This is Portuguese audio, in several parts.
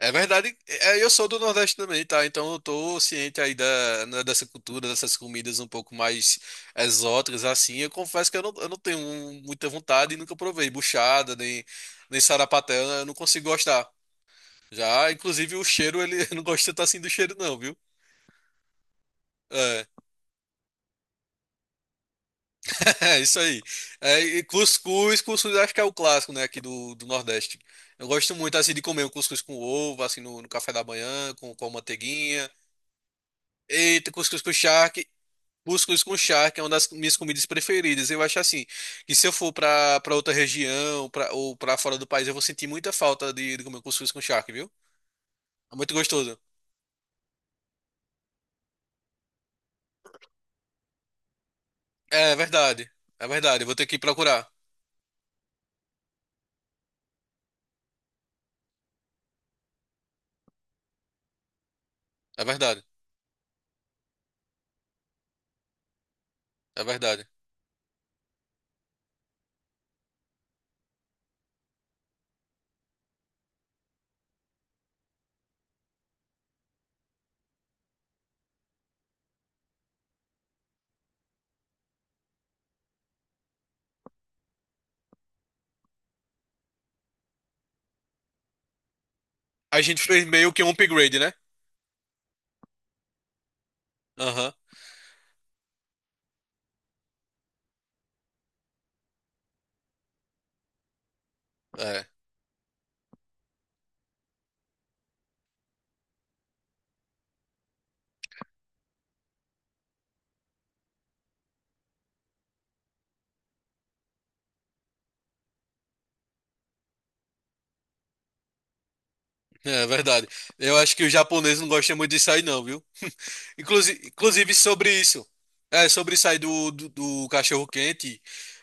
É verdade, eu sou do Nordeste também, tá? Então eu tô ciente aí dessa cultura, dessas comidas um pouco mais exóticas, assim. Eu confesso que eu não tenho muita vontade e nunca provei buchada, nem sarapatel, né? Eu não consigo gostar. Já, inclusive, o cheiro, ele eu não gosta tanto assim do cheiro, não, viu? É, é isso aí. E cuscuz acho que é o clássico, né, aqui do Nordeste. Eu gosto muito, assim, de comer um cuscuz com ovo, assim, no café da manhã, com a manteiguinha. Eita, cuscuz com charque. Cuscuz com charque é uma das minhas comidas preferidas. Eu acho assim, que se eu for pra para outra região, ou pra fora do país, eu vou sentir muita falta de comer cuscuz com charque, viu? É muito gostoso. É verdade. É verdade. Eu vou ter que procurar. É verdade. É verdade. A gente fez meio que um upgrade, né? Aham. É. É verdade. Eu acho que o japonês não gosta muito disso aí, não, viu? Inclusive sobre isso, sobre isso aí do cachorro quente,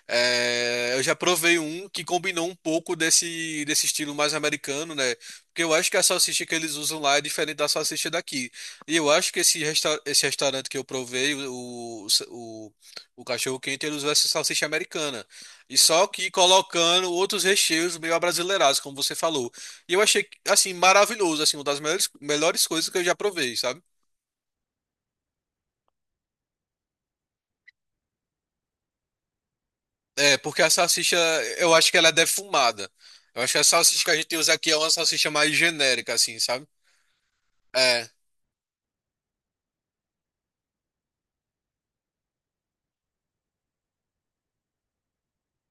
eu já provei um que combinou um pouco desse estilo mais americano, né? Porque eu acho que a salsicha que eles usam lá é diferente da salsicha daqui. E eu acho que esse, resta esse restaurante que eu provei, o cachorro quente, ele usou essa salsicha americana. E só que colocando outros recheios meio abrasileirados, como você falou. E eu achei, assim, maravilhoso, assim, uma das melhores coisas que eu já provei, sabe? É, eu acho que ela é defumada. Eu acho que a salsicha que a gente usa aqui é uma salsicha mais genérica, assim, sabe? É.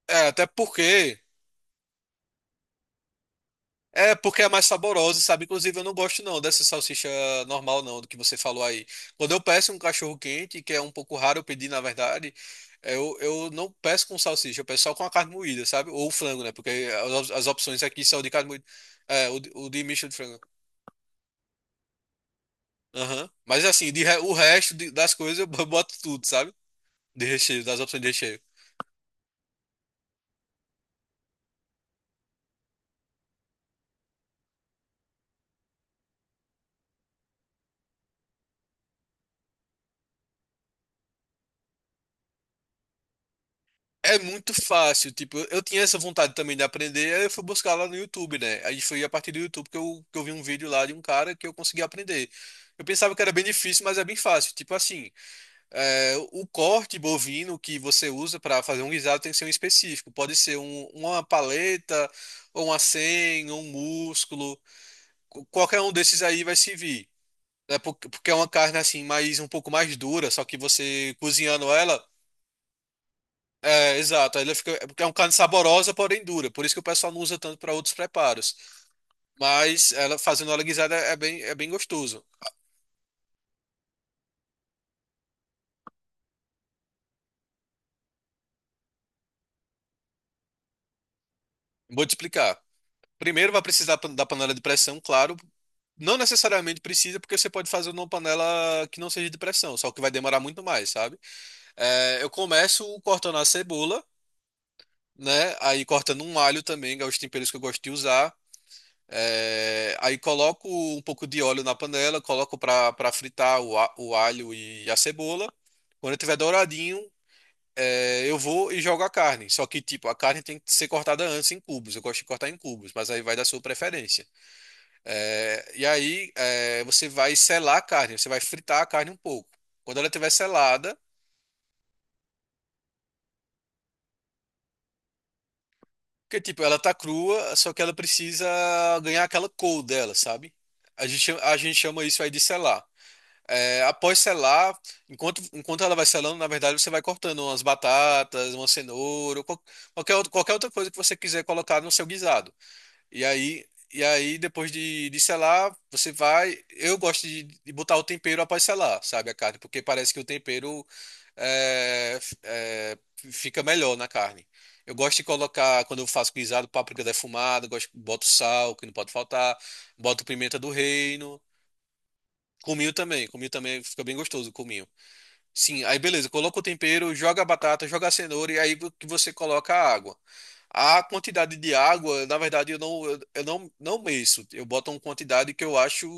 É, até porque. É, porque é mais saborosa, sabe? Inclusive, eu não gosto não dessa salsicha normal, não, do que você falou aí. Quando eu peço um cachorro quente, que é um pouco raro eu pedir, na verdade, eu não peço com salsicha, eu peço só com a carne moída, sabe? Ou frango, né? Porque as opções aqui são de carne moída. É, o de misto de frango. Aham. Mas assim, o resto das coisas eu boto tudo, sabe? De recheio, das opções de recheio. É muito fácil, tipo, eu tinha essa vontade também de aprender, aí eu fui buscar lá no YouTube, né? Aí foi a partir do YouTube que eu vi um vídeo lá de um cara que eu consegui aprender. Eu pensava que era bem difícil, mas é bem fácil. Tipo assim, o corte bovino que você usa para fazer um guisado tem que ser um específico. Pode ser uma paleta, ou uma senha, ou um músculo. Qualquer um desses aí vai servir. Né? Porque é uma carne assim, mais um pouco mais dura, só que você cozinhando ela. É, exato. É uma carne saborosa, porém dura. Por isso que o pessoal não usa tanto para outros preparos. Mas ela fazendo ela guisada é bem, é bem gostoso. Vou te explicar. Primeiro vai precisar da panela de pressão, claro. Não necessariamente precisa, porque você pode fazer numa panela que não seja de pressão, só que vai demorar muito mais, sabe? É, eu começo cortando a cebola, né? Aí cortando um alho também, que é os temperos que eu gosto de usar. Aí coloco um pouco de óleo na panela, coloco para fritar o alho e a cebola. Quando tiver douradinho, eu vou e jogo a carne. Só que, tipo, a carne tem que ser cortada antes em cubos. Eu gosto de cortar em cubos, mas aí vai da sua preferência. E aí, você vai selar a carne, você vai fritar a carne um pouco. Quando ela estiver selada, porque, tipo, ela tá crua, só que ela precisa ganhar aquela cor dela, sabe? A gente chama isso aí de selar. É, após selar, enquanto ela vai selando, na verdade você vai cortando umas batatas, uma cenoura, qualquer, qualquer outra coisa que você quiser colocar no seu guisado. E aí, e aí depois de selar, você vai. Eu gosto de botar o tempero após selar, sabe, a carne, porque parece que o tempero é, f- é, fica melhor na carne. Eu gosto de colocar, quando eu faço guisado, páprica defumada, gosto, boto sal, que não pode faltar, boto pimenta do reino. Cominho também fica bem gostoso, cominho. Sim, aí beleza, coloca o tempero, joga a batata, joga a cenoura e aí vo- que você coloca a água. A quantidade de água, na verdade, eu não, não meço. Eu boto uma quantidade que eu acho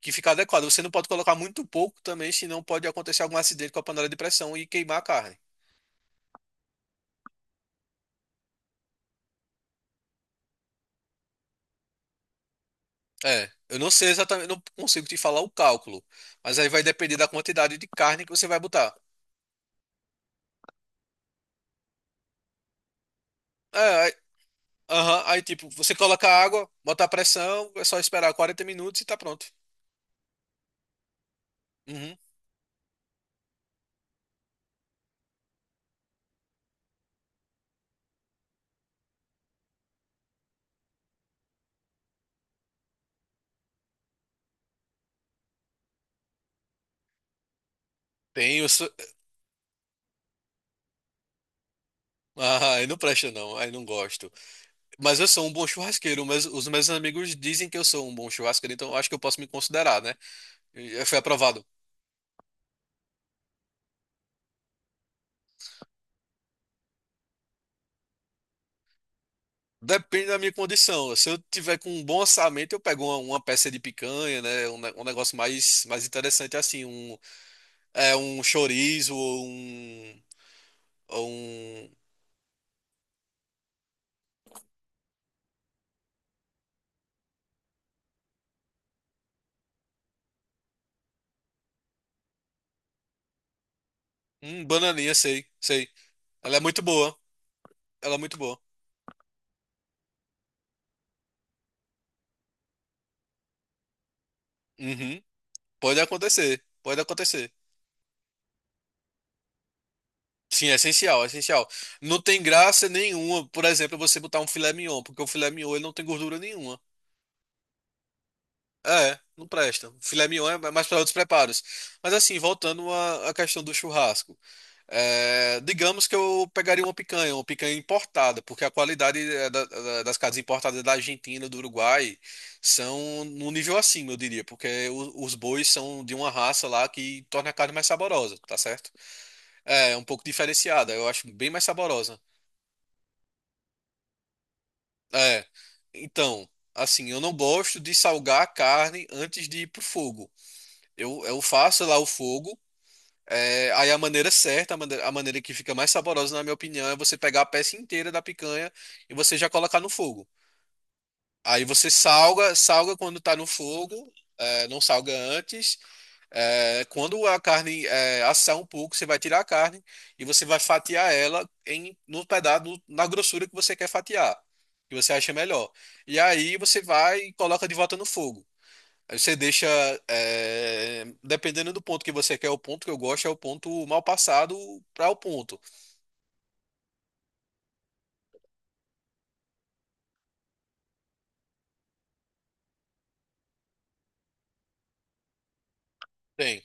que fica adequada. Você não pode colocar muito pouco também, senão pode acontecer algum acidente com a panela de pressão e queimar a carne. É, eu não sei exatamente, não consigo te falar o cálculo, mas aí vai depender da quantidade de carne que você vai botar. É, aham, aí tipo, você coloca a água, bota a pressão, é só esperar 40 minutos e tá pronto. Uhum. Tem os. Ah, aí não presta não, aí não gosto. Mas os meus amigos dizem que eu sou um bom churrasqueiro, então eu acho que eu posso me considerar, né? Foi aprovado. Depende da minha condição. Se eu tiver com um bom orçamento, eu pego uma peça de picanha, né? Um negócio mais interessante assim, um chorizo ou um bananinha, sei, sei. Ela é muito boa. Ela é muito boa. Uhum. Pode acontecer, pode acontecer. Sim, é essencial, é essencial. Não tem graça nenhuma, por exemplo, você botar um filé mignon, porque o filé mignon ele não tem gordura nenhuma. É, não presta. Filé mignon é mais para outros preparos. Mas assim, voltando à questão do churrasco, é, digamos que eu pegaria uma picanha importada, porque a qualidade é, das carnes importadas da Argentina, do Uruguai, são num nível acima, eu diria, porque os bois são de uma raça lá que torna a carne mais saborosa, tá certo? É, é um pouco diferenciada, eu acho bem mais saborosa. É. Então, assim, eu não gosto de salgar a carne antes de ir pro fogo. Eu faço lá o fogo, é, aí a maneira certa, a maneira que fica mais saborosa, na minha opinião, é você pegar a peça inteira da picanha e você já colocar no fogo. Aí você salga, salga quando tá no fogo, é, não salga antes. É, quando a carne é, assar um pouco, você vai tirar a carne e você vai fatiar ela em no pedaço, no- na grossura que você quer fatiar, que você acha melhor. E aí você vai e coloca de volta no fogo. Aí você deixa, é, dependendo do ponto que você quer, o ponto que eu gosto é o ponto mal passado para o ponto. Tem.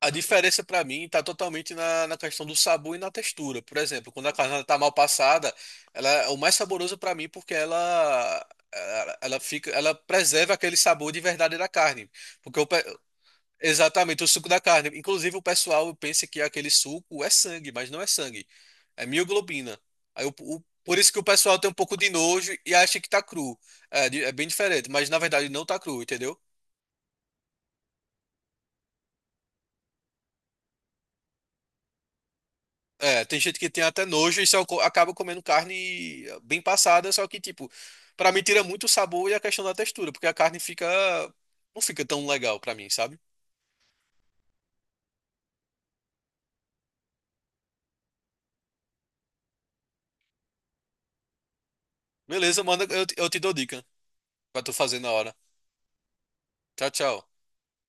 A diferença para mim está totalmente na questão do sabor e na textura. Por exemplo, quando a carne está mal passada, ela é o mais saboroso para mim porque ela preserva aquele sabor de verdade da carne. Porque o pe- Exatamente o suco da carne. Inclusive o pessoal pensa que aquele suco é sangue, mas não é sangue, é mioglobina. Por isso que o pessoal tem um pouco de nojo e acha que tá cru. É bem diferente, mas na verdade não tá cru, entendeu? É, tem gente que tem até nojo e só acaba comendo carne bem passada, só que, tipo, pra mim tira muito o sabor e a questão da textura, porque a carne fica. Não fica tão legal pra mim, sabe? Beleza, manda, eu te dou dica pra tu fazer na hora. Tchau, tchau.